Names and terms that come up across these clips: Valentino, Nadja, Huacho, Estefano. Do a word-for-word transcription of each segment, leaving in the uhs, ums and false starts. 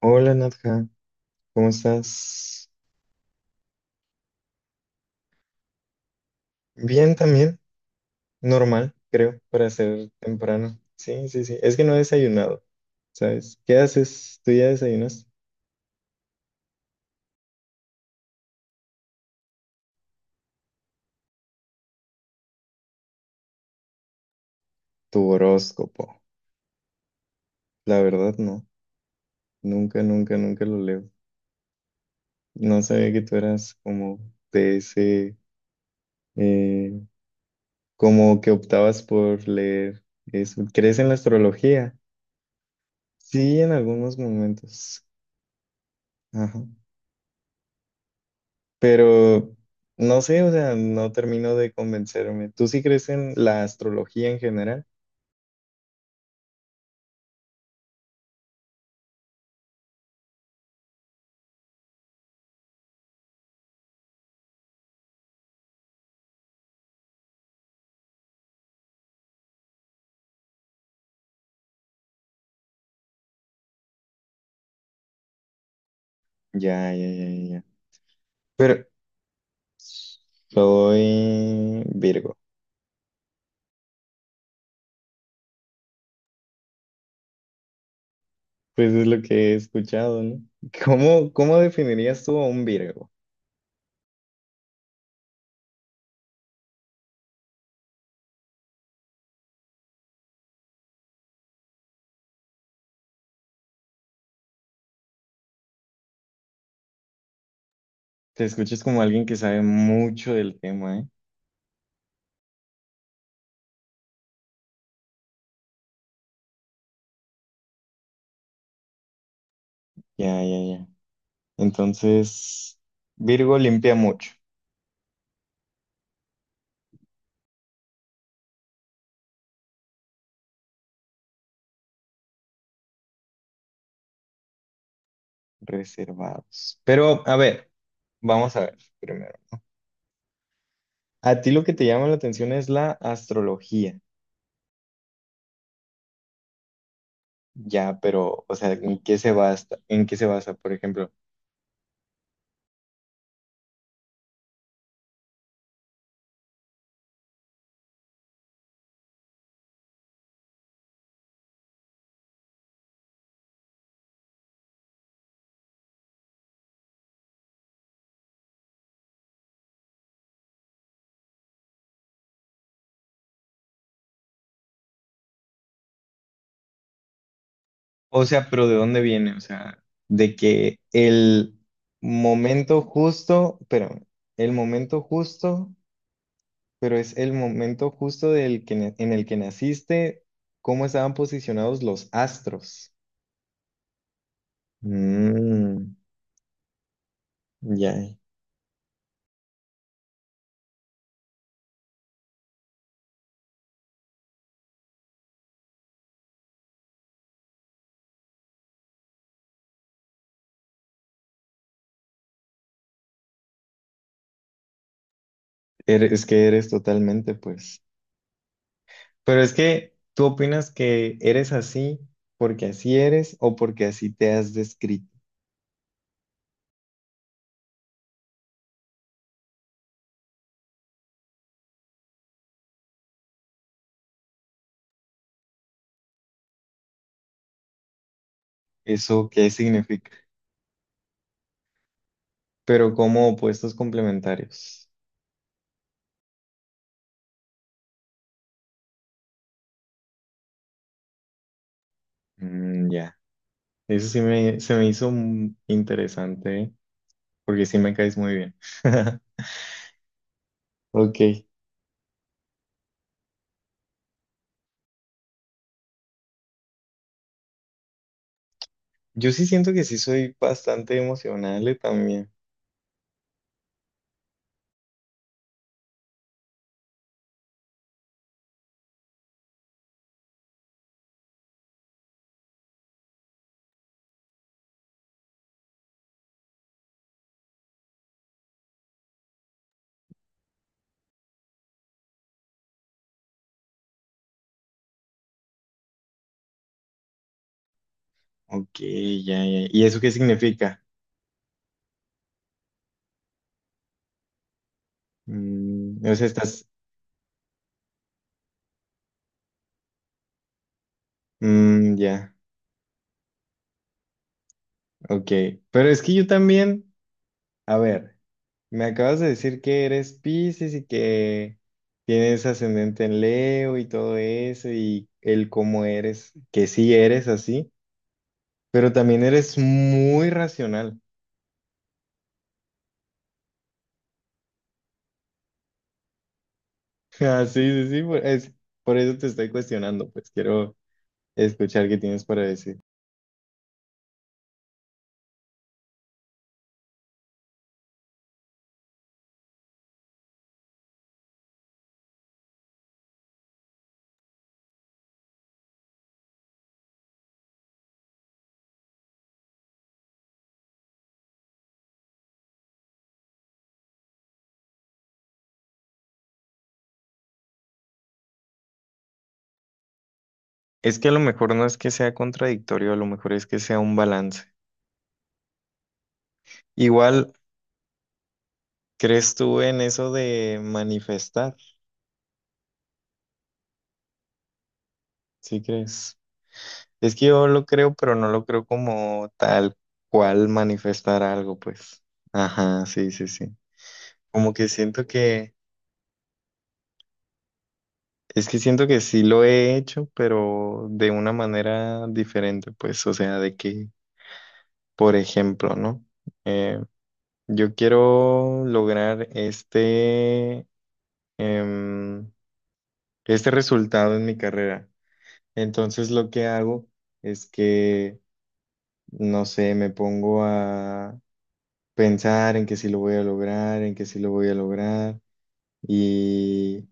Hola Nadja, ¿cómo estás? Bien también, normal, creo, para ser temprano. Sí, sí, sí. Es que no he desayunado, ¿sabes? ¿Qué haces? ¿Tú ya desayunas? Tu horóscopo. La verdad, no. Nunca, nunca, nunca lo leo. No sabía que tú eras como de ese, eh, como que optabas por leer eso. ¿Crees en la astrología? Sí, en algunos momentos. Ajá. Pero no sé, o sea, no termino de convencerme. ¿Tú sí crees en la astrología en general? Ya, ya, ya, ya, ya. Pero soy Virgo. Pues es lo que he escuchado, ¿no? ¿Cómo, cómo definirías tú a un Virgo? Te escuchas como alguien que sabe mucho del tema, ¿eh? Ya, ya, ya. Entonces, Virgo limpia mucho, reservados. Pero, a ver, vamos a ver primero. A ti lo que te llama la atención es la astrología. Ya, pero, o sea, ¿en qué se basa? ¿En qué se basa, por ejemplo? O sea, pero ¿de dónde viene? O sea, de que el momento justo, pero el momento justo, pero es el momento justo del que, na- en el que naciste, ¿cómo estaban posicionados los astros? Mm, ya. Eres- es que eres totalmente, pues. Pero es que, ¿tú opinas que eres así porque así eres o porque así te has descrito? ¿Eso qué significa? Pero como opuestos complementarios. Mm, ya. Eso sí me, se me hizo mm, interesante, ¿eh? Porque sí me caes muy bien. Ok. Yo sí siento que sí soy bastante emocional eh, también. Ok, ya, ya. ¿Y eso qué significa? Mm, o sea, estás... Mm, ya, ok. Pero es que yo también... A ver. Me acabas de decir que eres Piscis y que tienes ascendente en Leo y todo eso y el cómo eres, que sí eres así, pero también eres muy racional. Ah, sí, sí, sí, por, es- por eso te estoy cuestionando, pues quiero escuchar qué tienes para decir. Es que a lo mejor no es que sea contradictorio, a lo mejor es que sea un balance. Igual, ¿crees tú en eso de manifestar? ¿Sí crees? Es que yo lo creo, pero no lo creo como tal cual manifestar algo, pues. Ajá, sí, sí, sí. Como que siento que, es que siento que sí lo he hecho, pero de una manera diferente, pues. O sea, de que, por ejemplo, ¿no? Eh, yo quiero lograr este, em, este resultado en mi carrera. Entonces lo que hago es que, no sé, me pongo pensar en que sí lo voy a lograr, en que sí lo voy a lograr y,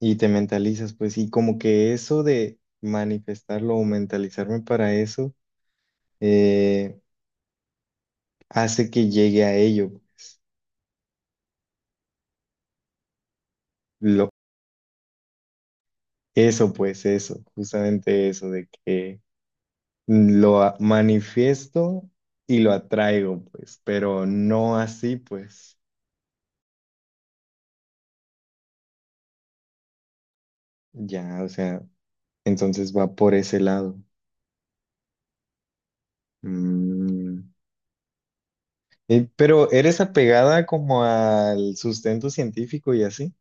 y te mentalizas, pues, y como que eso de manifestarlo o mentalizarme para eso eh, hace que llegue a ello. Lo, eso, pues, eso, justamente eso de que lo a- manifiesto y lo atraigo, pues, pero no así, pues, ya, o sea, entonces va por ese lado. Mm. Eh, pero eres apegada como al sustento científico y así.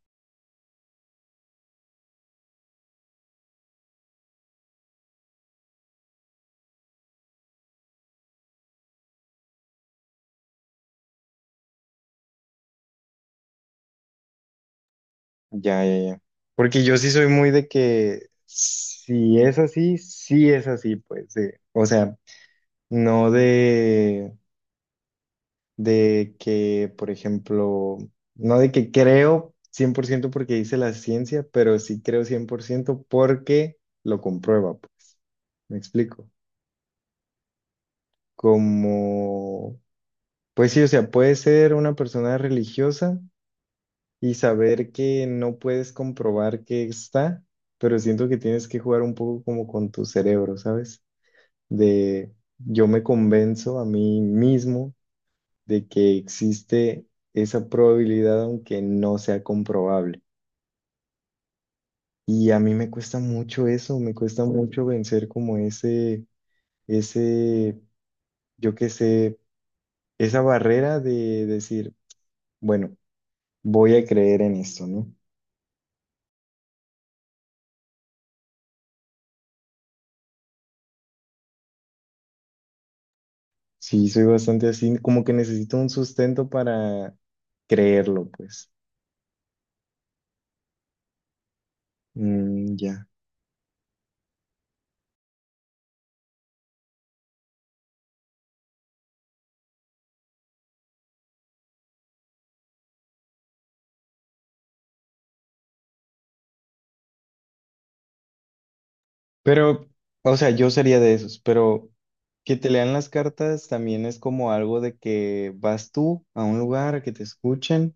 Ya, ya, ya. Porque yo sí soy muy de que si es así, sí es así, pues. de- O sea, no de, de que, por ejemplo, no de que creo cien por ciento porque dice la ciencia, pero sí creo cien por ciento porque lo comprueba, pues. Me explico. Como, pues sí, o sea, puede ser una persona religiosa y saber que no puedes comprobar que está, pero siento que tienes que jugar un poco como con tu cerebro, ¿sabes? De yo me convenzo a mí mismo de que existe esa probabilidad aunque no sea comprobable. Y a mí me cuesta mucho eso, me cuesta mucho vencer como ese, ese, yo qué sé, esa barrera de decir, bueno, voy a creer en esto, ¿no? Sí, soy bastante así, como que necesito un sustento para creerlo, pues. Mm, ya. Pero, o sea, yo sería de esos, pero que te lean las cartas también es como algo de que vas tú a un lugar, a que te escuchen,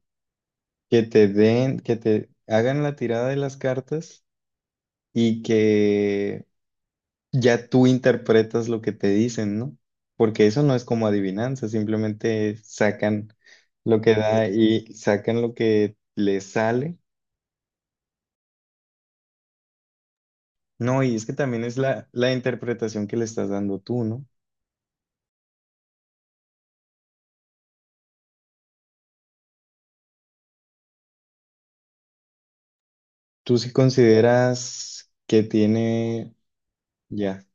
que te den, que te hagan la tirada de las cartas y que ya tú interpretas lo que te dicen, ¿no? Porque eso no es como adivinanza, simplemente sacan lo que da y sacan lo que les sale. No, y es que también es la, la interpretación que le estás dando tú, ¿no? Tú si consideras que tiene, ya,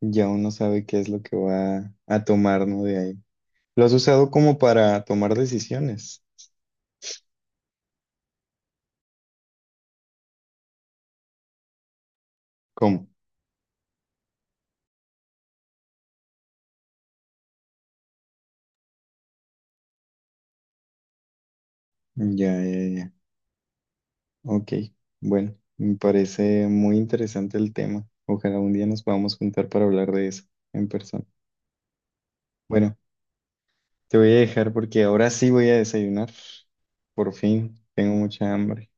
ya uno sabe qué es lo que va a tomar, ¿no? De ahí. Lo has usado como para tomar decisiones. ¿Cómo? Ya, ya, ya. Ok, bueno, me parece muy interesante el tema. Ojalá un día nos podamos juntar para hablar de eso en persona. Bueno, te voy a dejar porque ahora sí voy a desayunar. Por fin, tengo mucha hambre.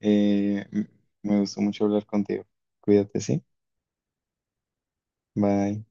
Eh, m- Me gustó mucho hablar contigo. Cuídate, ¿sí? Bye.